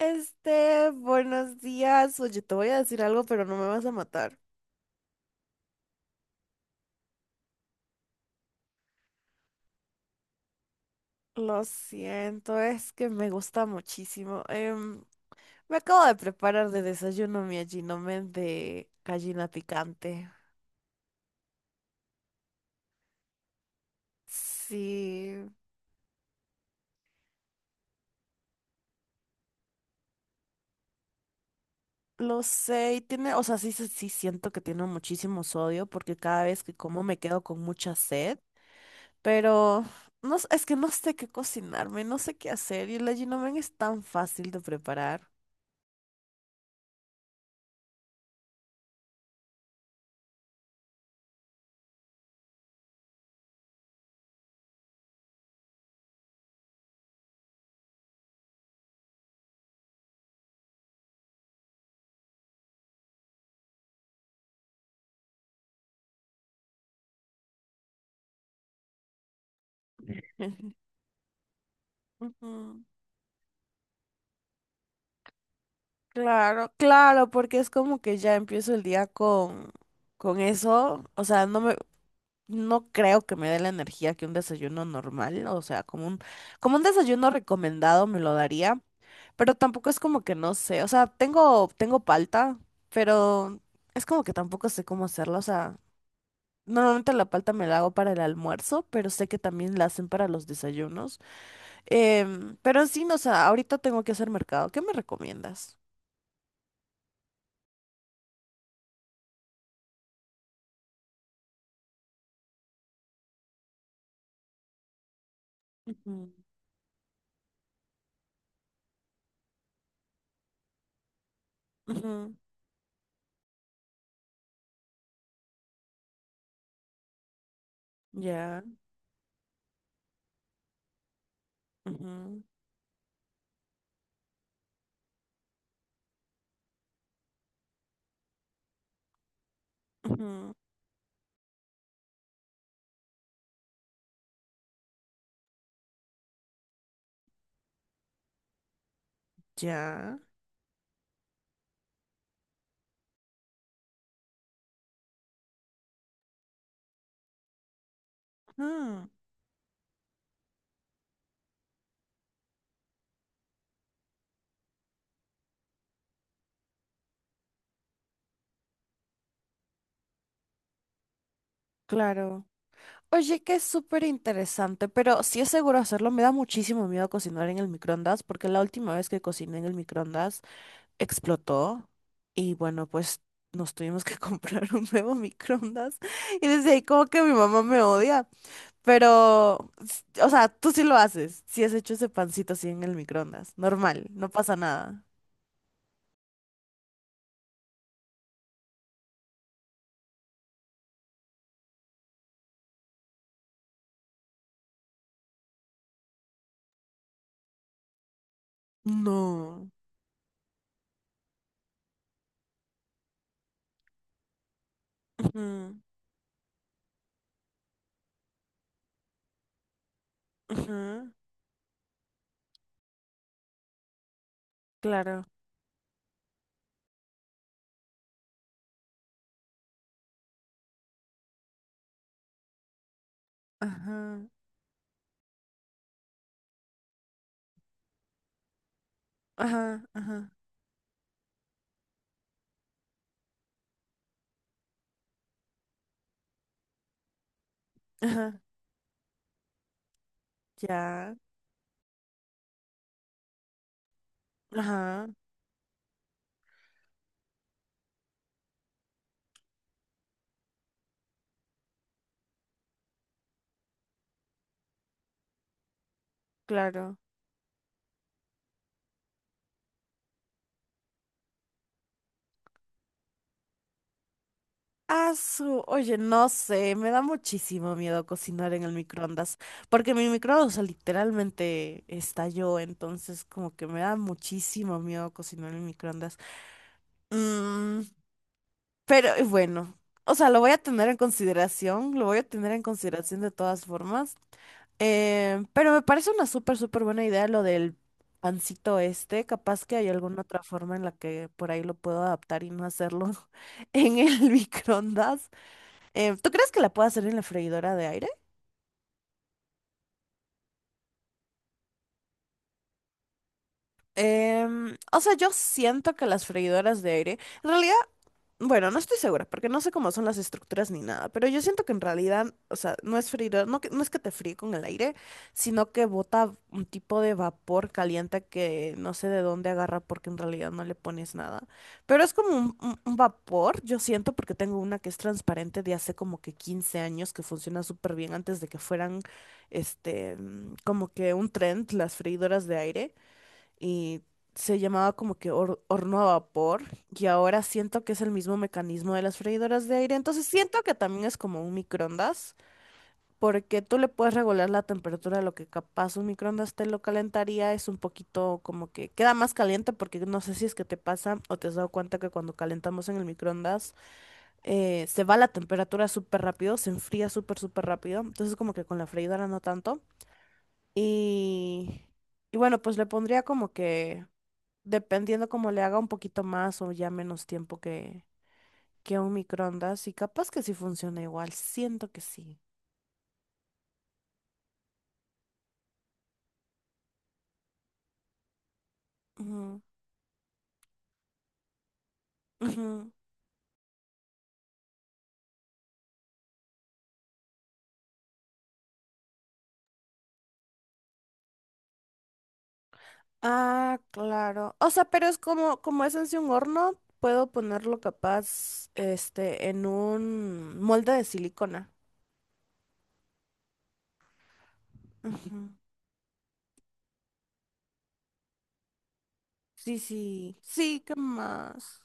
Buenos días. Oye, te voy a decir algo, pero no me vas a matar. Lo siento, es que me gusta muchísimo. Me acabo de preparar de desayuno mi allinomen de gallina picante. Sí, lo sé, y tiene, o sea, sí, sí siento que tiene muchísimo sodio porque cada vez que como me quedo con mucha sed, pero no, es que no sé qué cocinarme, no sé qué hacer y el allinomen es tan fácil de preparar. Ujú. Claro, claro, porque es como que ya empiezo el día con eso. O sea, no me, no creo que me dé la energía que un desayuno normal. O sea, como un desayuno recomendado me lo daría. Pero tampoco es como que no sé. O sea, tengo, tengo palta, pero es como que tampoco sé cómo hacerla. O sea, normalmente la palta me la hago para el almuerzo, pero sé que también la hacen para los desayunos. Pero en sí, no, o sea, ahorita tengo que hacer mercado. ¿Qué me recomiendas? Ujú. Ujú. Ya. Ujú, ujú. Ya. Mm. Claro. Oye, que es súper interesante, pero si es seguro hacerlo, me da muchísimo miedo cocinar en el microondas, porque la última vez que cociné en el microondas explotó y bueno, pues nos tuvimos que comprar un nuevo microondas y desde ahí como que mi mamá me odia, pero, o sea, tú sí lo haces, sí has hecho ese pancito así en el microondas, normal, no pasa nada. No. Ujú, ujú. Claro. Ajá, ajá, ajá, ajá, ya, ajá, claro. Ah, oye, no sé, me da muchísimo miedo cocinar en el microondas, porque mi microondas, o sea, literalmente estalló, entonces como que me da muchísimo miedo cocinar en el microondas. Mm, pero bueno, o sea, lo voy a tener en consideración, lo voy a tener en consideración de todas formas. Pero me parece una súper, súper buena idea lo del pancito este. Capaz que hay alguna otra forma en la que por ahí lo puedo adaptar y no hacerlo en el microondas. ¿Tú crees que la puedo hacer en la freidora de aire? O sea, yo siento que las freidoras de aire, en realidad bueno, no estoy segura, porque no sé cómo son las estructuras ni nada, pero yo siento que en realidad, o sea, no es freír, no, no es que te fríe con el aire, sino que bota un tipo de vapor caliente que no sé de dónde agarra porque en realidad no le pones nada. Pero es como un, un vapor, yo siento, porque tengo una que es transparente de hace como que 15 años que funciona súper bien antes de que fueran, como que un trend las freidoras de aire y se llamaba como que horno a vapor y ahora siento que es el mismo mecanismo de las freidoras de aire. Entonces siento que también es como un microondas porque tú le puedes regular la temperatura, lo que capaz un microondas te lo calentaría es un poquito como que queda más caliente porque no sé si es que te pasa o te has dado cuenta que cuando calentamos en el microondas se va la temperatura súper rápido, se enfría súper, súper rápido. Entonces como que con la freidora no tanto. Y, y bueno, pues le pondría como que dependiendo cómo le haga un poquito más o ya menos tiempo que un microondas. Y capaz que sí funciona igual. Siento que sí. Ujú, ujú. Ah, claro. O sea, pero es como, como es en sí un horno, puedo ponerlo capaz, en un molde de silicona. Ujú. Sí, sí. Sí, ¿qué más?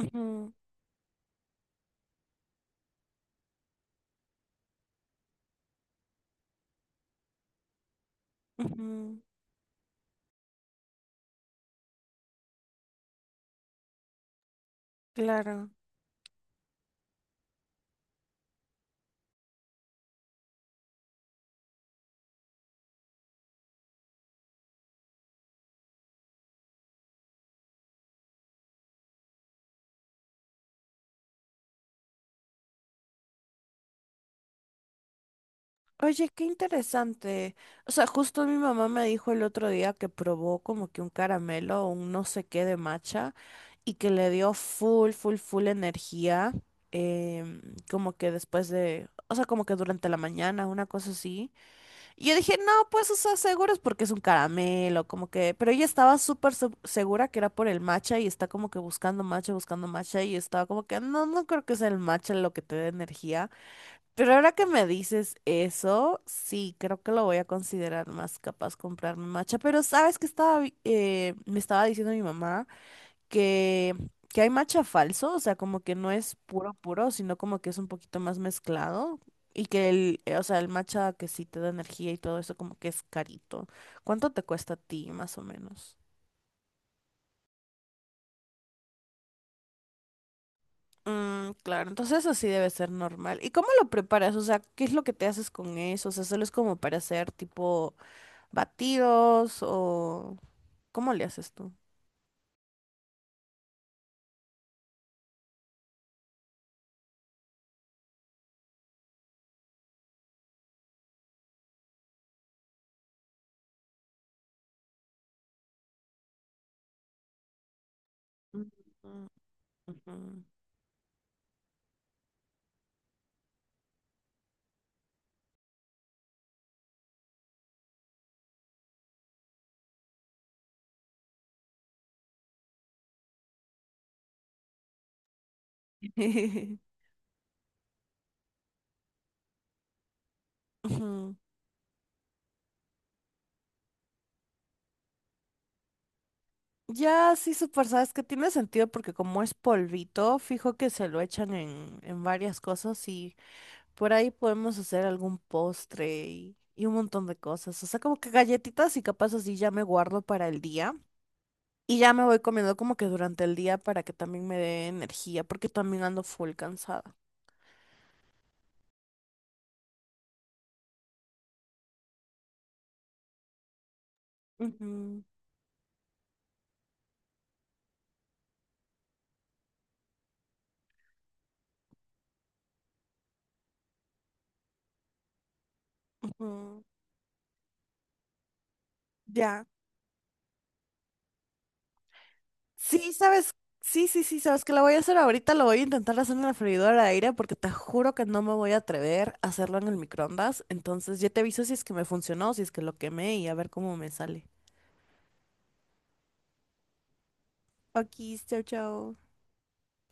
Ujú, ujú. Claro. Oye, qué interesante. O sea, justo mi mamá me dijo el otro día que probó como que un caramelo un no sé qué de matcha y que le dio full, full, full energía, em, como que después de, o sea, como que durante la mañana, una cosa así. Y yo dije, no, pues, o sea, seguro es porque es un caramelo, como que, pero ella estaba súper segura que era por el matcha y está como que buscando matcha y estaba como que, no, no creo que sea el matcha lo que te dé energía. Pero ahora que me dices eso, sí, creo que lo voy a considerar más capaz comprarme matcha. Pero sabes que estaba, me estaba diciendo mi mamá que, que hay matcha falso, o sea, como que no es puro puro, sino como que es un poquito más mezclado. Y que el, o sea, el matcha que sí te da energía y todo eso, como que es carito. ¿Cuánto te cuesta a ti, más o menos? Mm, claro, entonces eso sí debe ser normal. ¿Y cómo lo preparas? O sea, ¿qué es lo que te haces con eso? O sea, solo es como para hacer tipo batidos o ¿cómo le haces tú? Mm, mm, ujú. Ujú. Ya, sí, súper, sabes que tiene sentido porque como es polvito, fijo que se lo echan en varias cosas y por ahí podemos hacer algún postre y un montón de cosas. O sea, como que galletitas y capaz así ya me guardo para el día y ya me voy comiendo como que durante el día para que también me dé energía porque también ando full cansada. Ujú, ujú. Ya. Sí, sabes, sí, sí, sí, sabes que lo voy a hacer ahorita, lo voy a intentar hacer en la freidora de aire porque te juro que no me voy a atrever a hacerlo en el microondas. Entonces ya te aviso si es que me funcionó, si es que lo quemé y a ver cómo me sale. Aquí, chao, chao.